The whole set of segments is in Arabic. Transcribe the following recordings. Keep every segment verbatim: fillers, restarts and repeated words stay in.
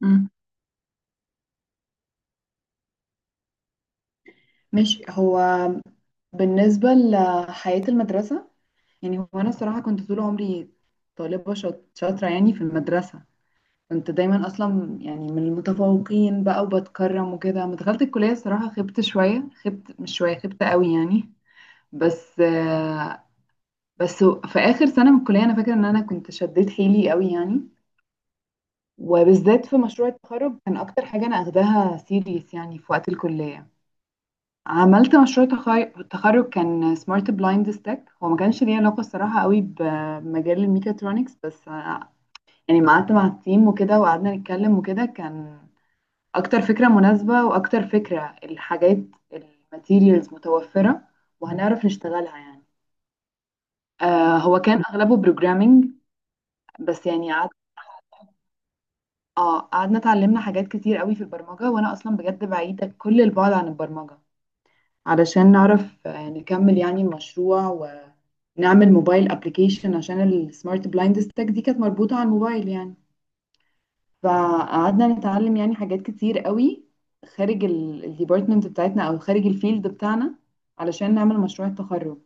مم. ماشي. هو بالنسبة لحياة المدرسة، يعني هو أنا الصراحة كنت طول عمري طالبة شاط- شاطرة يعني في المدرسة. كنت دايما أصلا يعني من المتفوقين بقى وبتكرم وكده. لما دخلت الكلية الصراحة خبت شوية، خبت مش شوية، خبت قوي يعني. بس آه، بس في آخر سنة من الكلية أنا فاكرة إن أنا كنت شديت حيلي قوي يعني، وبالذات في مشروع التخرج كان أكتر حاجة أنا أخداها سيريس يعني في وقت الكلية. عملت مشروع تخي- تخرج كان سمارت بلايند ستاك. هو ما كانش ليه علاقة الصراحة قوي بمجال الميكاترونكس، بس آه، يعني ما قعدت مع التيم وكده وقعدنا نتكلم وكده، كان أكتر فكرة مناسبة وأكتر فكرة الحاجات الماتيريالز متوفرة وهنعرف نشتغلها يعني. آه هو كان أغلبه بروجرامينج. بس يعني قعد اه قعدنا اتعلمنا حاجات كتير قوي في البرمجة، وأنا أصلا بجد بعيدة كل البعد عن البرمجة، علشان نعرف آه، نكمل يعني المشروع، نعمل موبايل ابلكيشن عشان السمارت بلايند ستاك دي كانت مربوطة على الموبايل يعني. فقعدنا نتعلم يعني حاجات كتير قوي خارج الديبارتمنت بتاعتنا او خارج الفيلد بتاعنا علشان نعمل مشروع التخرج.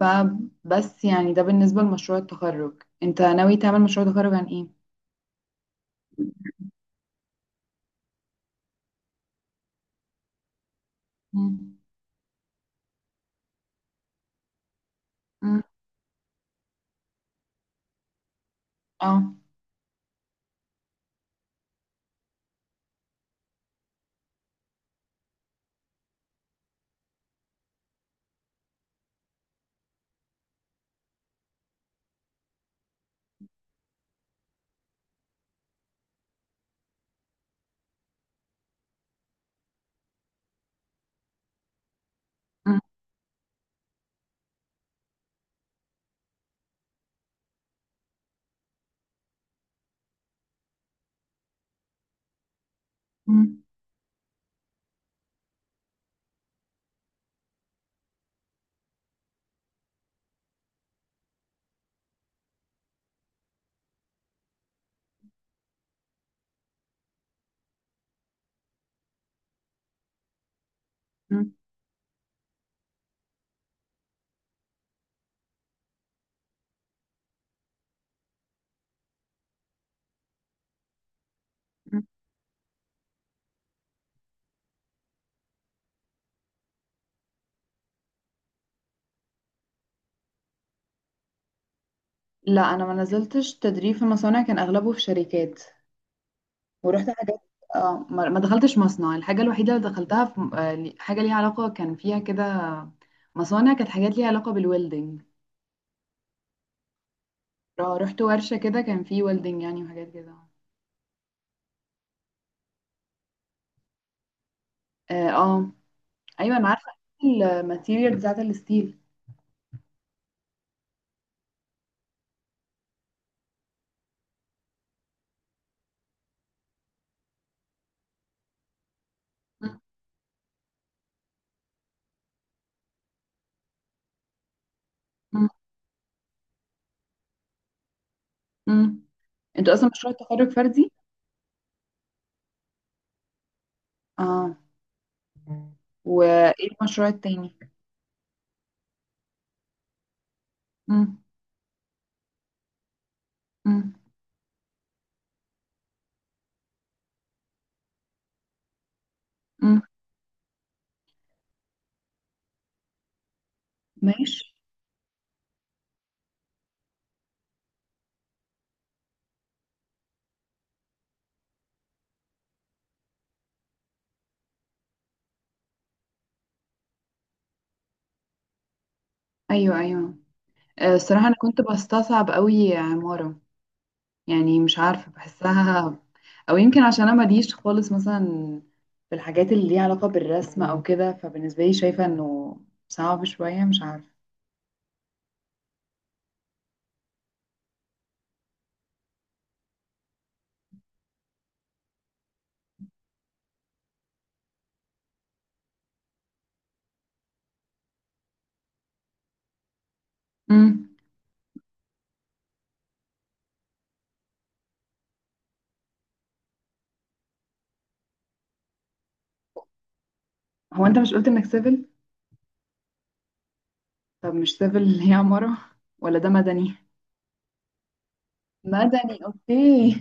فبس يعني ده بالنسبة لمشروع التخرج. انت ناوي تعمل مشروع تخرج عن ايه؟ مم. مم. اه. مم. مم. مم. لا انا ما نزلتش تدريب في مصانع، كان اغلبه في شركات ورحت حاجات. اه، ما ما دخلتش مصنع. الحاجة الوحيدة اللي دخلتها في م- آه، لي- حاجة ليها علاقة، كان فيها كده مصانع، كانت حاجات ليها علاقة بالويلدنج. اه، رحت ورشة كده كان فيه ويلدنج يعني وحاجات كده. اه، اه، ايوه، انا عارفة الماتيريال بتاعت الستيل. مم. مم. مم. انتوا اصلا مشروع التخرج فردي. اه. وايه المشروع التاني؟ مم. مم. مم. ماشي. ايوه، ايوه. آه، الصراحة انا كنت بستصعب قوي عمارة، يعني مش عارفة بحسها، أو يمكن عشان أنا ماليش خالص مثلا في الحاجات اللي ليها علاقة بالرسم أو كده. فبالنسبة لي شايفة إنه صعب شوية، مش عارفة. امم. هو أنت مش قلت إنك سيفل؟ طب مش سيفل اللي هي عمارة؟ ولا ده مدني؟ مدني، أوكي.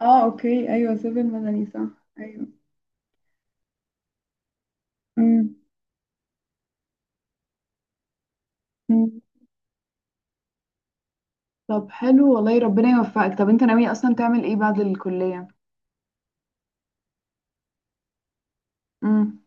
اه، أوكي، أيوة، سيفل مدني، صح. أيوة. امم. أمم. طب حلو، والله ربنا يوفقك. طب أنت ناوي أصلا تعمل إيه بعد الكلية؟ امم.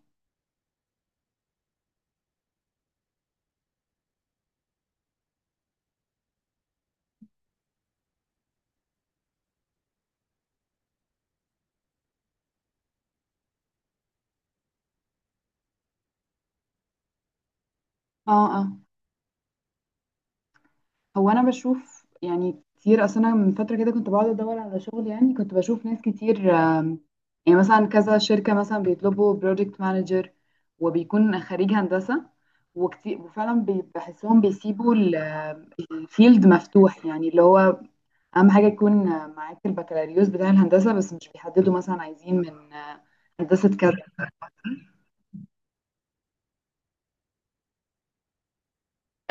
اه، اه. هو انا بشوف يعني كتير، اصلا انا من فتره كده كنت بقعد ادور على شغل، يعني كنت بشوف ناس كتير آم، يعني مثلا كذا شركه مثلا بيطلبوا بروجكت مانجر، وبيكون خريج هندسه وكتير. وفعلا بي- بحسهم بيسيبوا ال- الفيلد مفتوح، يعني اللي هو اهم حاجه يكون آه، معاك البكالوريوس بتاع الهندسه، بس مش بيحددوا مثلا عايزين من آه، هندسه كذا.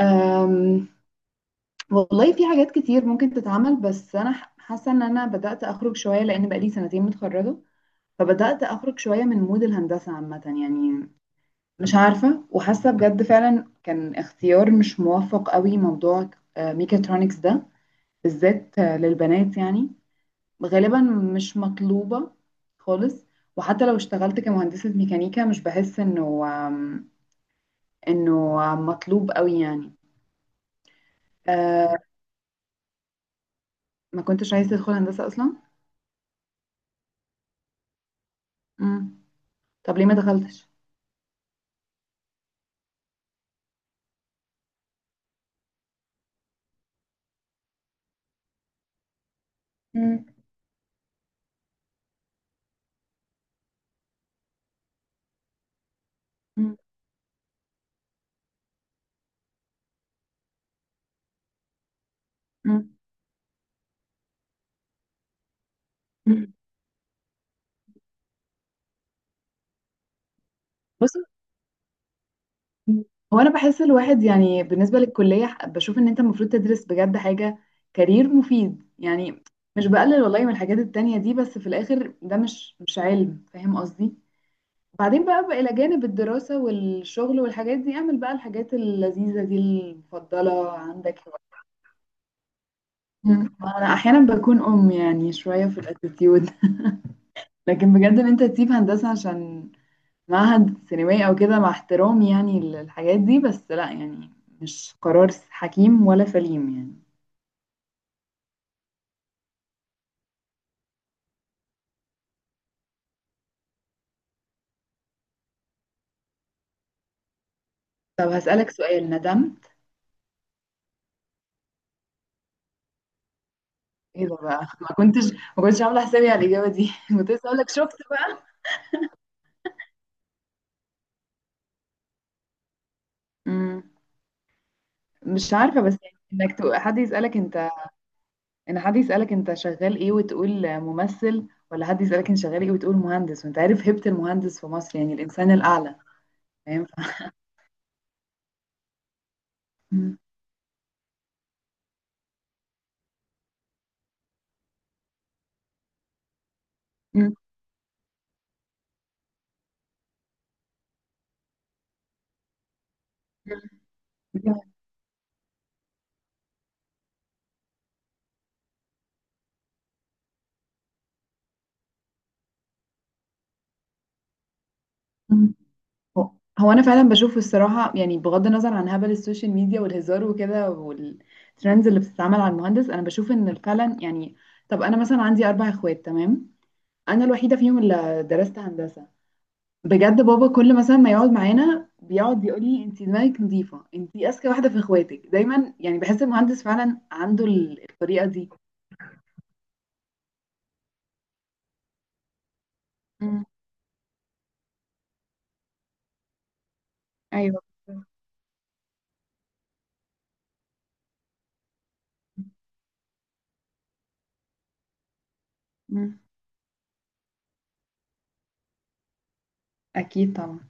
أم، والله في حاجات كتير ممكن تتعمل، بس انا ح- حاسه ان انا بدات اخرج شويه لان بقالي سنتين متخرجه، فبدأت أخرج شوية من مود الهندسة عامة يعني. مش عارفة، وحاسة بجد فعلا كان اختيار مش موفق قوي موضوع آه، ميكاترونكس ده، بالذات آه، للبنات يعني. غالبا مش مطلوبة خالص. وحتى لو اشتغلت كمهندسة ميكانيكا مش بحس انه آم، انه مطلوب قوي يعني. أه. ما كنتش عايزة تدخل هندسة أصلا؟ مم. طب ليه ما دخلتش؟ مم. مم. مم. بص، هو انا بحس الواحد يعني بالنسبه للكليه ح- بشوف ان انت المفروض تدرس بجد حاجه كارير مفيد يعني. مش بقلل والله من الحاجات التانية دي، بس في الاخر ده مش مش علم، فاهم قصدي؟ بعدين بقى, بقى الى جانب الدراسه والشغل والحاجات دي اعمل بقى الحاجات اللذيذه دي المفضله عندك. مم. انا احيانا بكون ام يعني شويه في الاتيتيود. لكن بجد ان انت تسيب هندسه عشان معهد سينمائي او كده، مع احترامي يعني للحاجات دي، بس لا يعني، مش قرار حكيم ولا سليم يعني. طب هسألك سؤال. ندمت؟ ايه ده بقى؟ ما كنتش ما كنتش عامله حسابي على الإجابة دي. كنت لسه هقول لك، شفت بقى. مم. مش عارفة، بس يعني انك تق- حد يسألك انت، ان حد يسألك انت شغال ايه وتقول ممثل، ولا حد يسألك انت شغال ايه وتقول مهندس، وانت عارف هيبة المهندس في مصر يعني الإنسان الأعلى. فاهم؟ ف- مم. مم. مم. هو هو انا فعلا بشوف الصراحه يعني بغض النظر عن هبل السوشيال ميديا والهزار وكده والترندز اللي بتتعمل على المهندس، انا بشوف ان فعلا يعني. طب انا مثلا عندي اربع اخوات، تمام. انا الوحيده فيهم اللي درست هندسه. بجد بابا كل مثلا ما يقعد معانا بيقعد يقول لي انت دماغك نظيفه، انت اذكى واحده في اخواتك، دايما يعني بحس المهندس فعلا عنده ال- الطريقه دي. امم. ايوه. امم. اكيد طبعا.